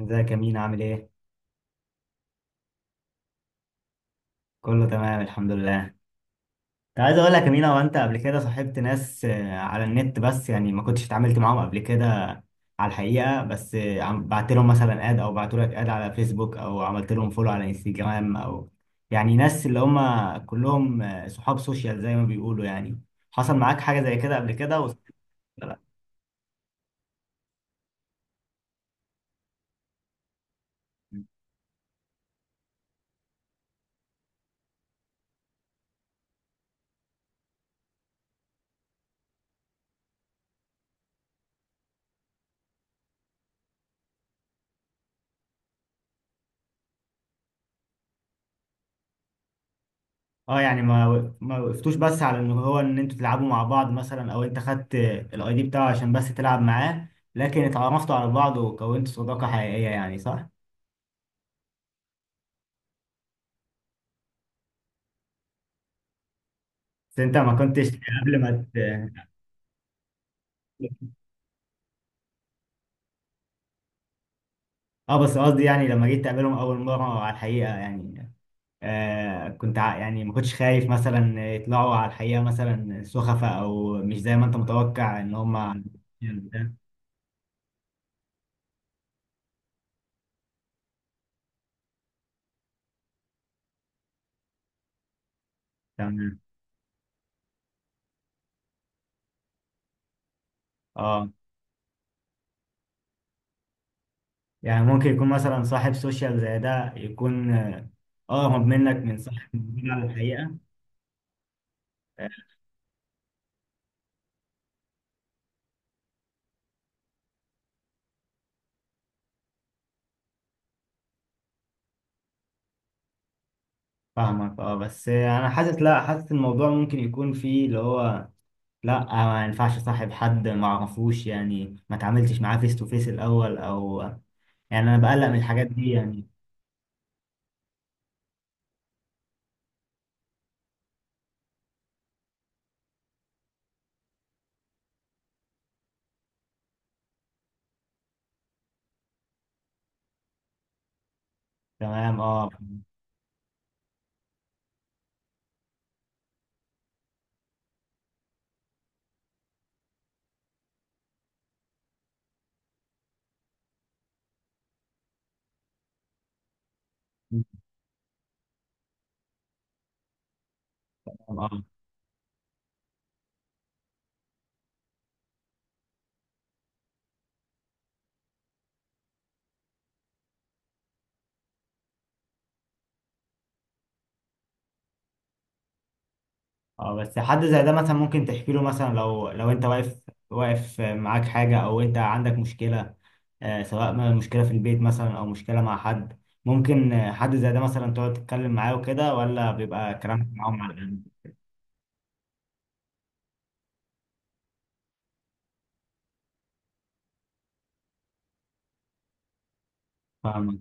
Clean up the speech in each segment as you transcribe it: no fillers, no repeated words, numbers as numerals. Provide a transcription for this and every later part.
ازيك يا مينا، عامل ايه؟ كله تمام، الحمد لله. كنت عايز اقول لك يا مينا، وانت قبل كده صاحبت ناس على النت، بس يعني ما كنتش اتعاملت معاهم قبل كده على الحقيقة. بس بعت لهم مثلا اد، او بعتوا لك اد على فيسبوك، او عملت لهم فولو على انستجرام، او يعني ناس اللي هم كلهم صحاب سوشيال زي ما بيقولوا يعني. حصل معاك حاجة زي كده قبل كده ولا لا؟ اه، يعني ما وقفتوش بس على ان هو ان انتوا تلعبوا مع بعض مثلا، او انت خدت الاي دي بتاعه عشان بس تلعب معاه، لكن اتعرفتوا على بعض وكونتوا صداقة حقيقية يعني، صح؟ بس انت ما كنتش قبل ما اه، بس قصدي يعني لما جيت تقابلهم اول مرة على الحقيقة يعني. كنت يعني ما كنتش خايف مثلا يطلعوا على الحقيقة مثلا سخفة، او مش زي ما انت متوقع ان هم، يعني ده؟ تمام. اه، يعني ممكن يكون مثلا صاحب سوشيال زي ده يكون، اه، هرب منك من صح على الحقيقة. آه. فاهمك، اه، بس انا حاسس، لا، حاسس الموضوع ممكن يكون فيه اللي هو، لا ما ينفعش صاحب حد ما اعرفوش، يعني ما اتعاملتش معاه فيس تو فيس الاول او يعني انا بقلق من الحاجات دي يعني. تمام. اه اه. بس حد زي ده مثلا ممكن تحكي له مثلا، لو انت واقف، واقف معاك حاجة او انت عندك مشكلة، سواء ما مشكلة في البيت مثلا او مشكلة مع حد، ممكن حد زي ده مثلا تقعد تتكلم معاه وكده، ولا بيبقى كلامك معاهم على القلب؟ فاهمك.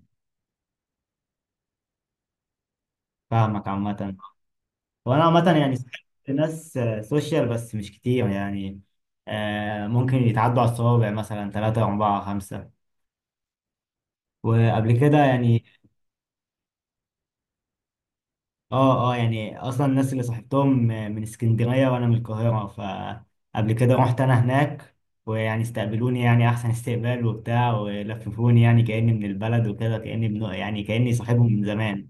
فاهمك عامة. وانا عامة يعني سألت ناس سوشيال بس مش كتير يعني. ممكن يتعدوا على الصوابع مثلا ثلاثة أربعة خمسة، وقبل كده يعني اه، اه، يعني اصلا الناس اللي صاحبتهم من اسكندريه وانا من القاهره، فقبل كده رحت انا هناك، ويعني استقبلوني يعني احسن استقبال وبتاع، ولففوني يعني كاني من البلد وكده، كاني ابن يعني كاني صاحبهم من زمان.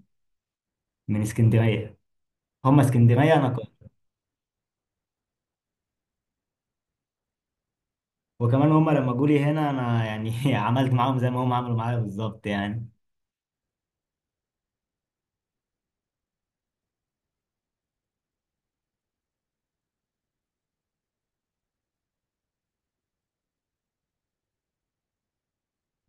من اسكندريه. هم اسكندريه انا قاهرة. وكمان هم لما جولي هنا، انا يعني عملت معاهم زي ما هم عملوا معايا بالظبط يعني.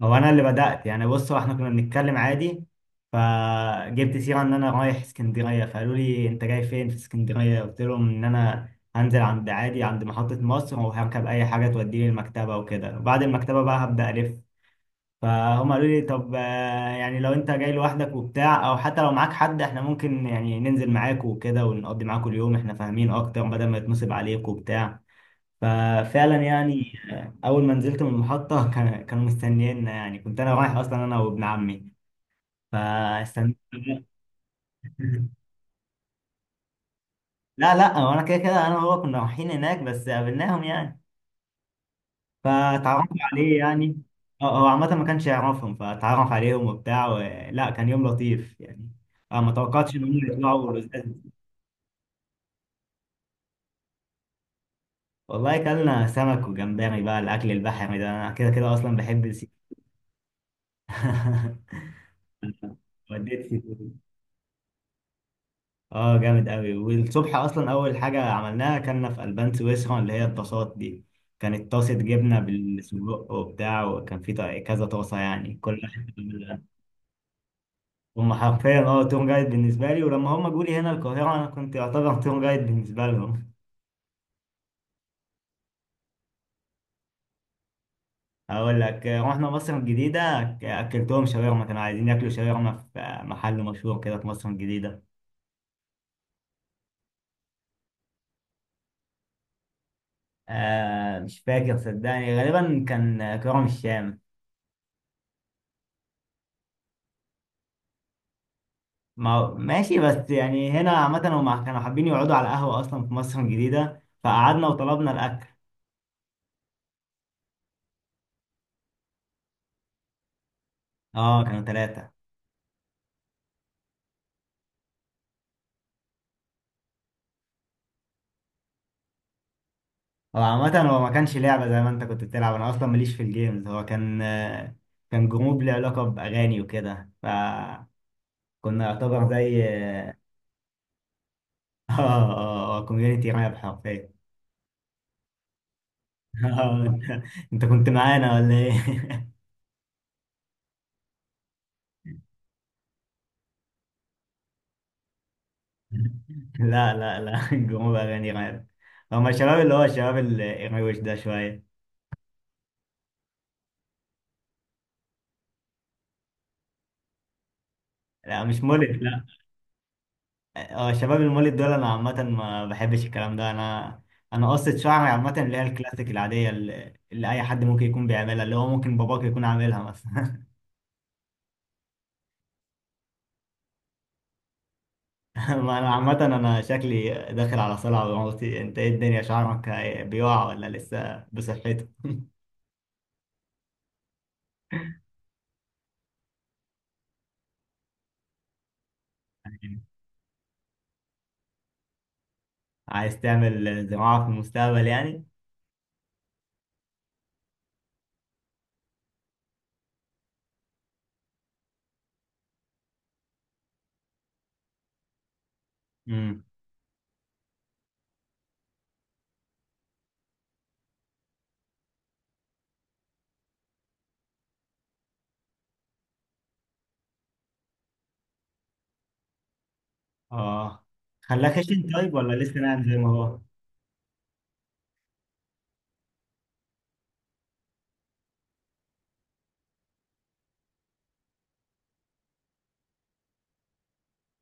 هو انا اللي بدات يعني، بص، هو احنا كنا بنتكلم عادي، فجبت سيره ان انا رايح اسكندريه، فقالوا لي انت جاي فين في اسكندريه، قلت لهم ان انا هنزل عند عادي عند محطه مصر، وهركب اي حاجه توديني المكتبه وكده، وبعد المكتبه بقى هبدا الف. فهم قالوا لي طب، يعني لو انت جاي لوحدك وبتاع او حتى لو معاك حد، احنا ممكن يعني ننزل معاك وكده ونقضي معاكوا اليوم، احنا فاهمين اكتر بدل ما يتنصب عليك وبتاع. ففعلا يعني، اول ما نزلت من المحطه كانوا مستنيينا، يعني كنت انا رايح اصلا انا وابن عمي، فاستنى. لا لا، هو انا كده كده انا وهو كنا رايحين هناك، بس قابلناهم يعني، فتعرفوا عليه يعني. هو هو عامه ما كانش يعرفهم، فتعرف عليهم وبتاع لا، كان يوم لطيف يعني. أنا ما توقعتش ان هم يطلعوا لزاز. والله كلنا سمك وجمبري بقى، الاكل البحري ده انا كده كده اصلا بحب السي. وديت سي، اه، جامد قوي. والصبح اصلا اول حاجه عملناها كنا في البان سويسرا اللي هي الطاسات دي، كانت طاسه جبنه بالسجق وبتاع، وكان في كذا طاسه يعني كل حته هم حرفيا، اه، تور جايد بالنسبه لي. ولما هم جولي هنا القاهره انا كنت يعتبر تور جايد بالنسبه لهم. اقول لك، رحنا مصر الجديده، اكلتهم شاورما، كانوا عايزين ياكلوا شاورما في محل مشهور كده في مصر الجديده. مش فاكر صدقني، غالبا كان كرم الشام. ما ماشي، بس يعني هنا عامة هم كانوا حابين يقعدوا على قهوة أصلا في مصر الجديدة، فقعدنا وطلبنا الأكل. اه، كانوا ثلاثة. هو عامة هو ما كانش لعبة زي ما أنت كنت بتلعب، أنا أصلا ماليش في الجيمز، هو كان كان جروب ليه علاقة بأغاني وكده، فكنا يعتبر زي اه، اه، اه، كوميونيتي راب حرفيا. أنت، أنت كنت معانا ولا إيه؟ لا، لا، لا، جروب أغاني راب. هما الشباب اللي هو الشباب الروش ده شوية. لا مش مولد، لا. اه. شباب المولد دول انا عامة ما بحبش الكلام ده انا. انا قصة شعري عامة اللي هي الكلاسيك العادية، اللي اي حد ممكن يكون بيعملها، اللي هو ممكن باباك يكون عاملها مثلا. ما انا عامة انا شكلي داخل على صلع بموتي، انت ايه الدنيا شعرك بيقع ولا لسه بصحته؟ عايز تعمل زراعة في المستقبل يعني. امم. اه، خلاك خشن طيب ولا لسه ناعم زي ما هو؟ اه.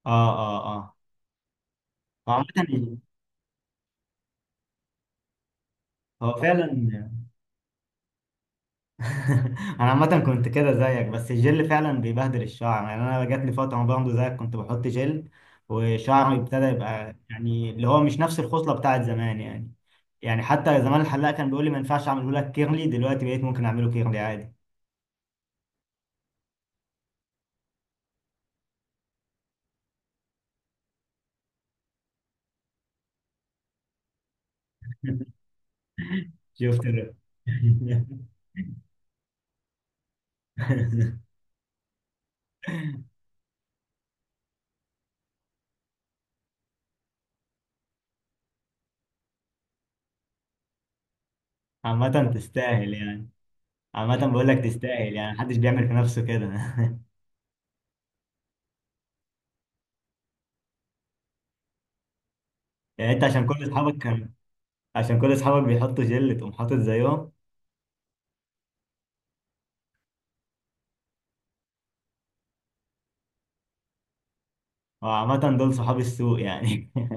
اه، اه، هو عامة، هو فعلا. انا عامه كنت كده زيك، بس الجل فعلا بيبهدل الشعر يعني، انا جات لي فتره برضه زيك كنت بحط جل، وشعري ابتدى يبقى يعني اللي هو مش نفس الخصله بتاعت زمان يعني. يعني حتى زمان الحلاق كان بيقول لي ما ينفعش اعمله لك كيرلي، دلوقتي بقيت ممكن اعمله كيرلي عادي. شفت عامه تستاهل يعني. عامه بقول لك تستاهل يعني، محدش بيعمل في نفسه كده. يعني انت عشان كل اصحابك كان، عشان كل اصحابك بيحطوا جل تقوم حاطط زيهم. وعامة دول صحاب السوق يعني.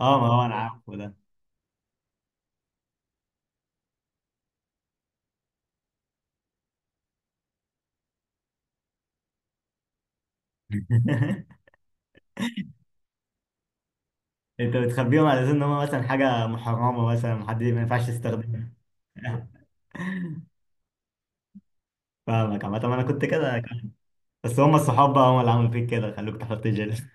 اه، ما هو انا عارفه ده. انت بتخبيهم على اساس ان هم مثلا حاجه محرمه، مثلا محد ما ينفعش يستخدمها. فاهمك عامة، انا كنت كده. بس هم الصحاب بقى، هم اللي عملوا فيك كده خلوك تحط جل.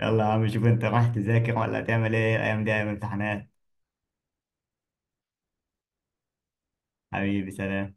يلا يا عم، شوف انت رايح تذاكر ولا هتعمل ايه؟ الايام دي ايام امتحانات. حبيبي، سلام.